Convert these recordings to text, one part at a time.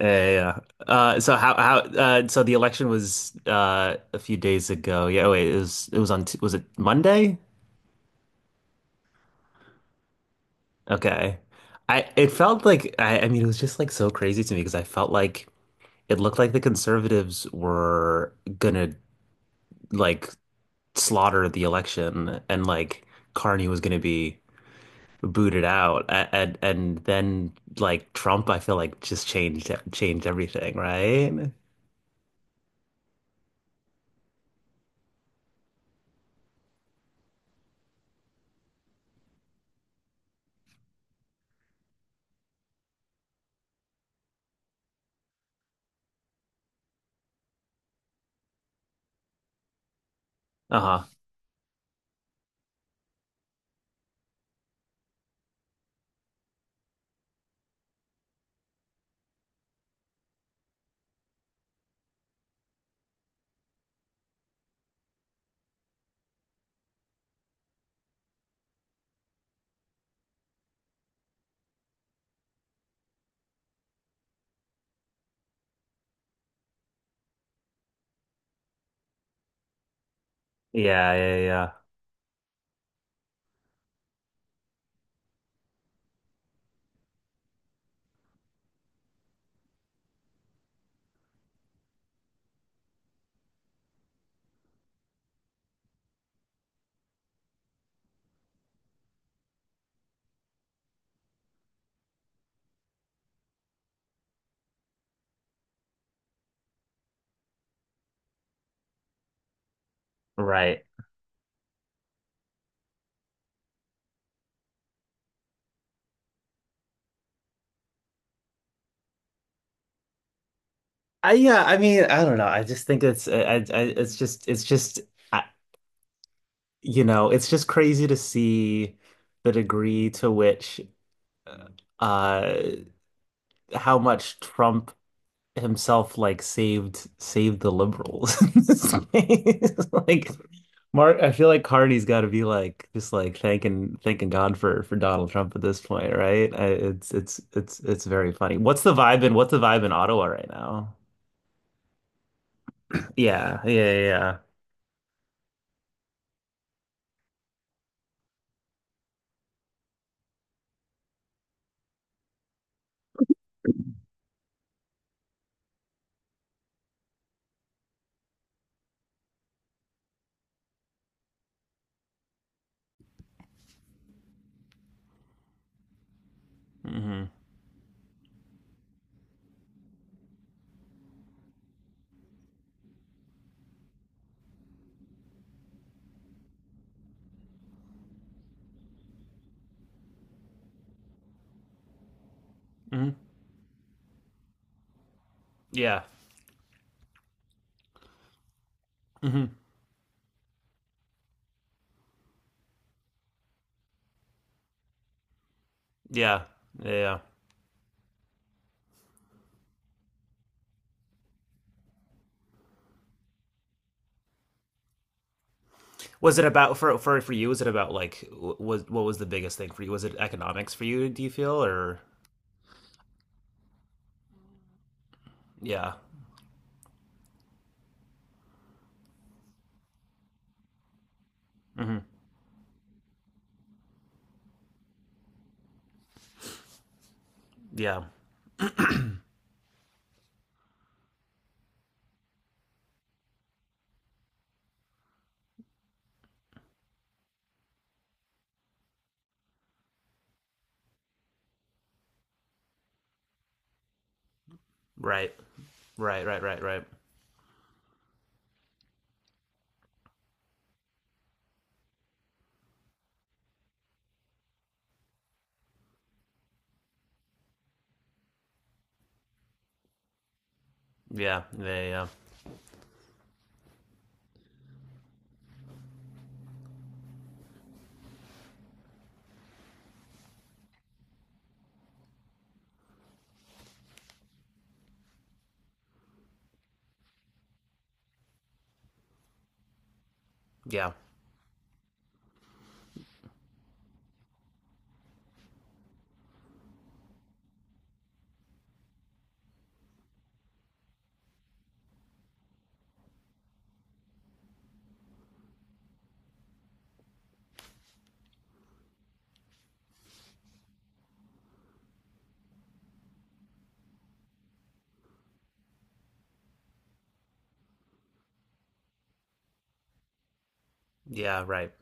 Yeah, yeah. Yeah. So how so the election was a few days ago. Yeah, oh, wait, it was on t was it Monday? Okay. I It felt like I mean it was just like so crazy to me because I felt like it looked like the conservatives were gonna like slaughter the election, and like Carney was gonna be booted out and then like Trump, I feel like, just changed everything, right? Uh-huh. Yeah, yeah, yeah. Right. I Yeah, I mean, I don't know. I just think it's I it's just I, you know, it's just crazy to see the degree to which uh how much Trump himself like saved the liberals. It's like Mark, I feel like Carney's got to be like just like thanking God for Donald Trump at this point, right? It's it's very funny. What's the vibe in Ottawa right now? Yeah, yeah, yeah. Yeah. Mm-hmm. Mm-hmm. Yeah. Mm-hmm. Yeah. Yeah. Was it about for you? Was it about like was what was the biggest thing for you? Was it economics for you? Do you feel or yeah, mm-hmm. Yeah, right, right, right, right, right, yeah, yeah, yeah, yeah, yeah, right.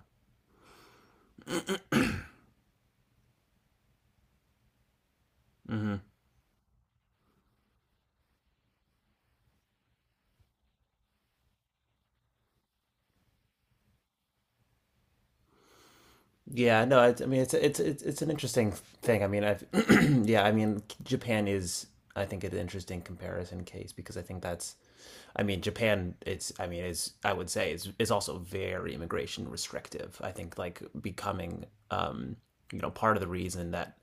Yeah, no, it's, I mean it's an interesting thing. I mean, I've yeah, I mean Japan is I think an interesting comparison case because I think that's I mean Japan it's I mean is I would say, is also very immigration restrictive. I think like becoming um you know part of the reason that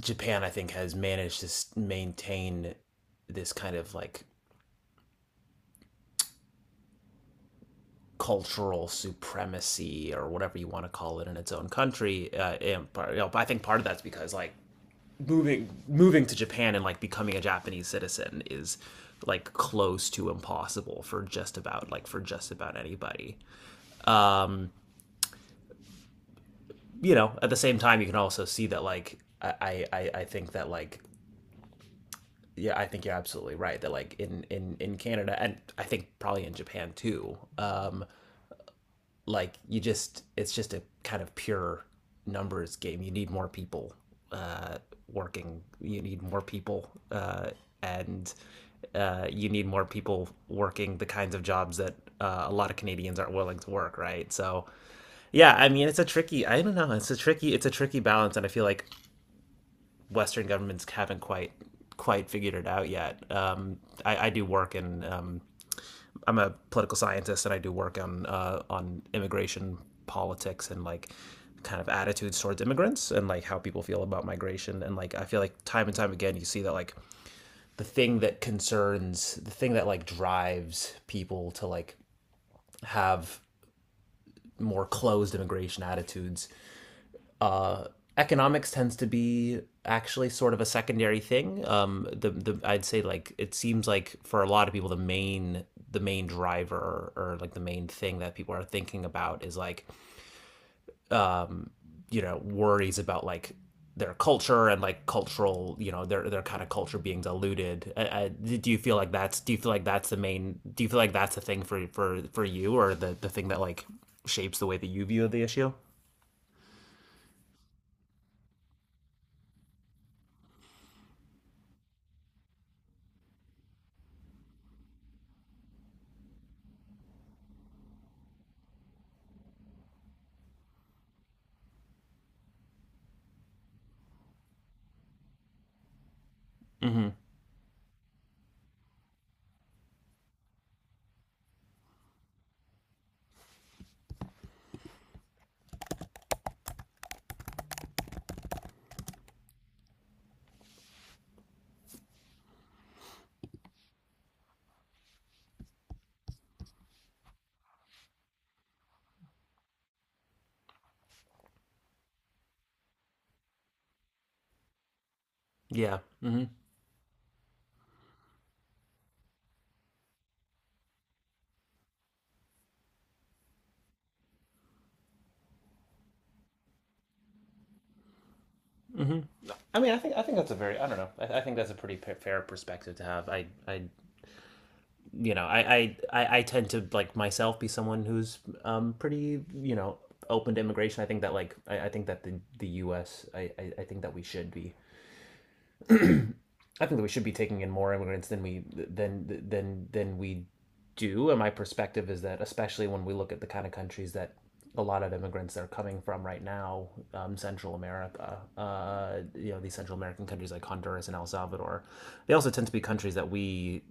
Japan, I think, has managed to maintain this kind of like cultural supremacy or whatever you want to call it in its own country. And part, you know, I think part of that's because like moving to Japan and like becoming a Japanese citizen is like close to impossible for just about like for just about anybody. You know, at the same time you can also see that like I think that like yeah, I think you're absolutely right that like in in Canada, and I think probably in Japan too. Like you just it's just a kind of pure numbers game. You need more people uh, working. You need more people, and you need more people working the kinds of jobs that a lot of Canadians aren't willing to work, right. So yeah, I mean, it's a tricky. I don't know. It's a tricky. It's a tricky balance, and I feel like Western governments haven't quite figured it out yet. I do work in I'm a political scientist, and I do work on immigration politics and like kind of attitudes towards immigrants and like how people feel about migration. And like I feel like time and time again you see that like the thing that like drives people to like have more closed immigration attitudes, economics tends to be actually sort of a secondary thing. The I'd say like it seems like for a lot of people the main driver, or like the main thing that people are thinking about is like you know worries about like their culture and like cultural, you know, their kind of culture being diluted. Do you feel like that's do you feel like that's the main do you feel like that's the thing for you, or the thing that like shapes the way that you view the issue? Yeah. Mm. I mean, I think that's a very I don't know. I think that's a pretty fair perspective to have. I you know I tend to like myself be someone who's pretty, you know, open to immigration. I think that like I think that the U.S. think that we should be I think that we should be taking in more immigrants than we do. And my perspective is that, especially when we look at the kind of countries that a lot of immigrants are coming from right now, Central America, you know, these Central American countries like Honduras and El Salvador, they also tend to be countries that we,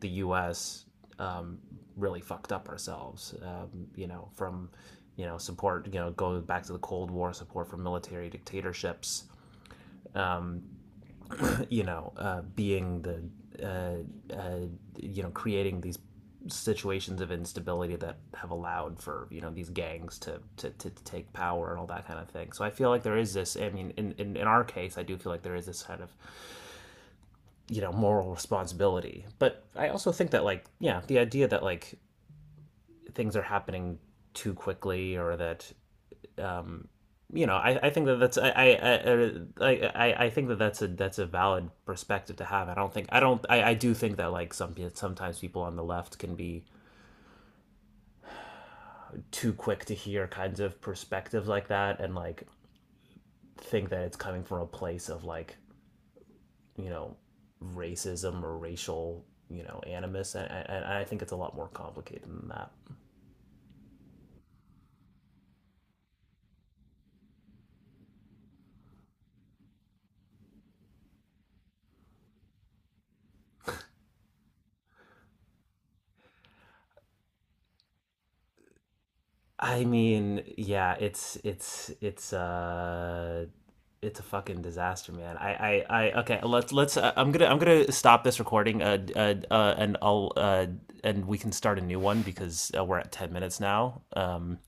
the U.S., um, really fucked up ourselves. You know, from you know support, you know, going back to the Cold War, support for military dictatorships, you know, being the, uh, uh, you know, creating these situations of instability that have allowed for you know these gangs to, to take power, and all that kind of thing. So I feel like there is this. I mean, in in our case, I do feel like there is this kind of you know moral responsibility. But I also think that like yeah, the idea that like things are happening too quickly, or that you know, I think that that's I think that that's a valid perspective to have. I don't think I don't I do think that like sometimes people on the left can be too quick to hear kinds of perspectives like that and like think that it's coming from a place of like you know racism or racial, you know, animus. And I think it's a lot more complicated than that. I mean, yeah, it's it's a fucking disaster, man. I Okay, let's I'm going to stop this recording and I'll and we can start a new one because we're at 10 minutes now.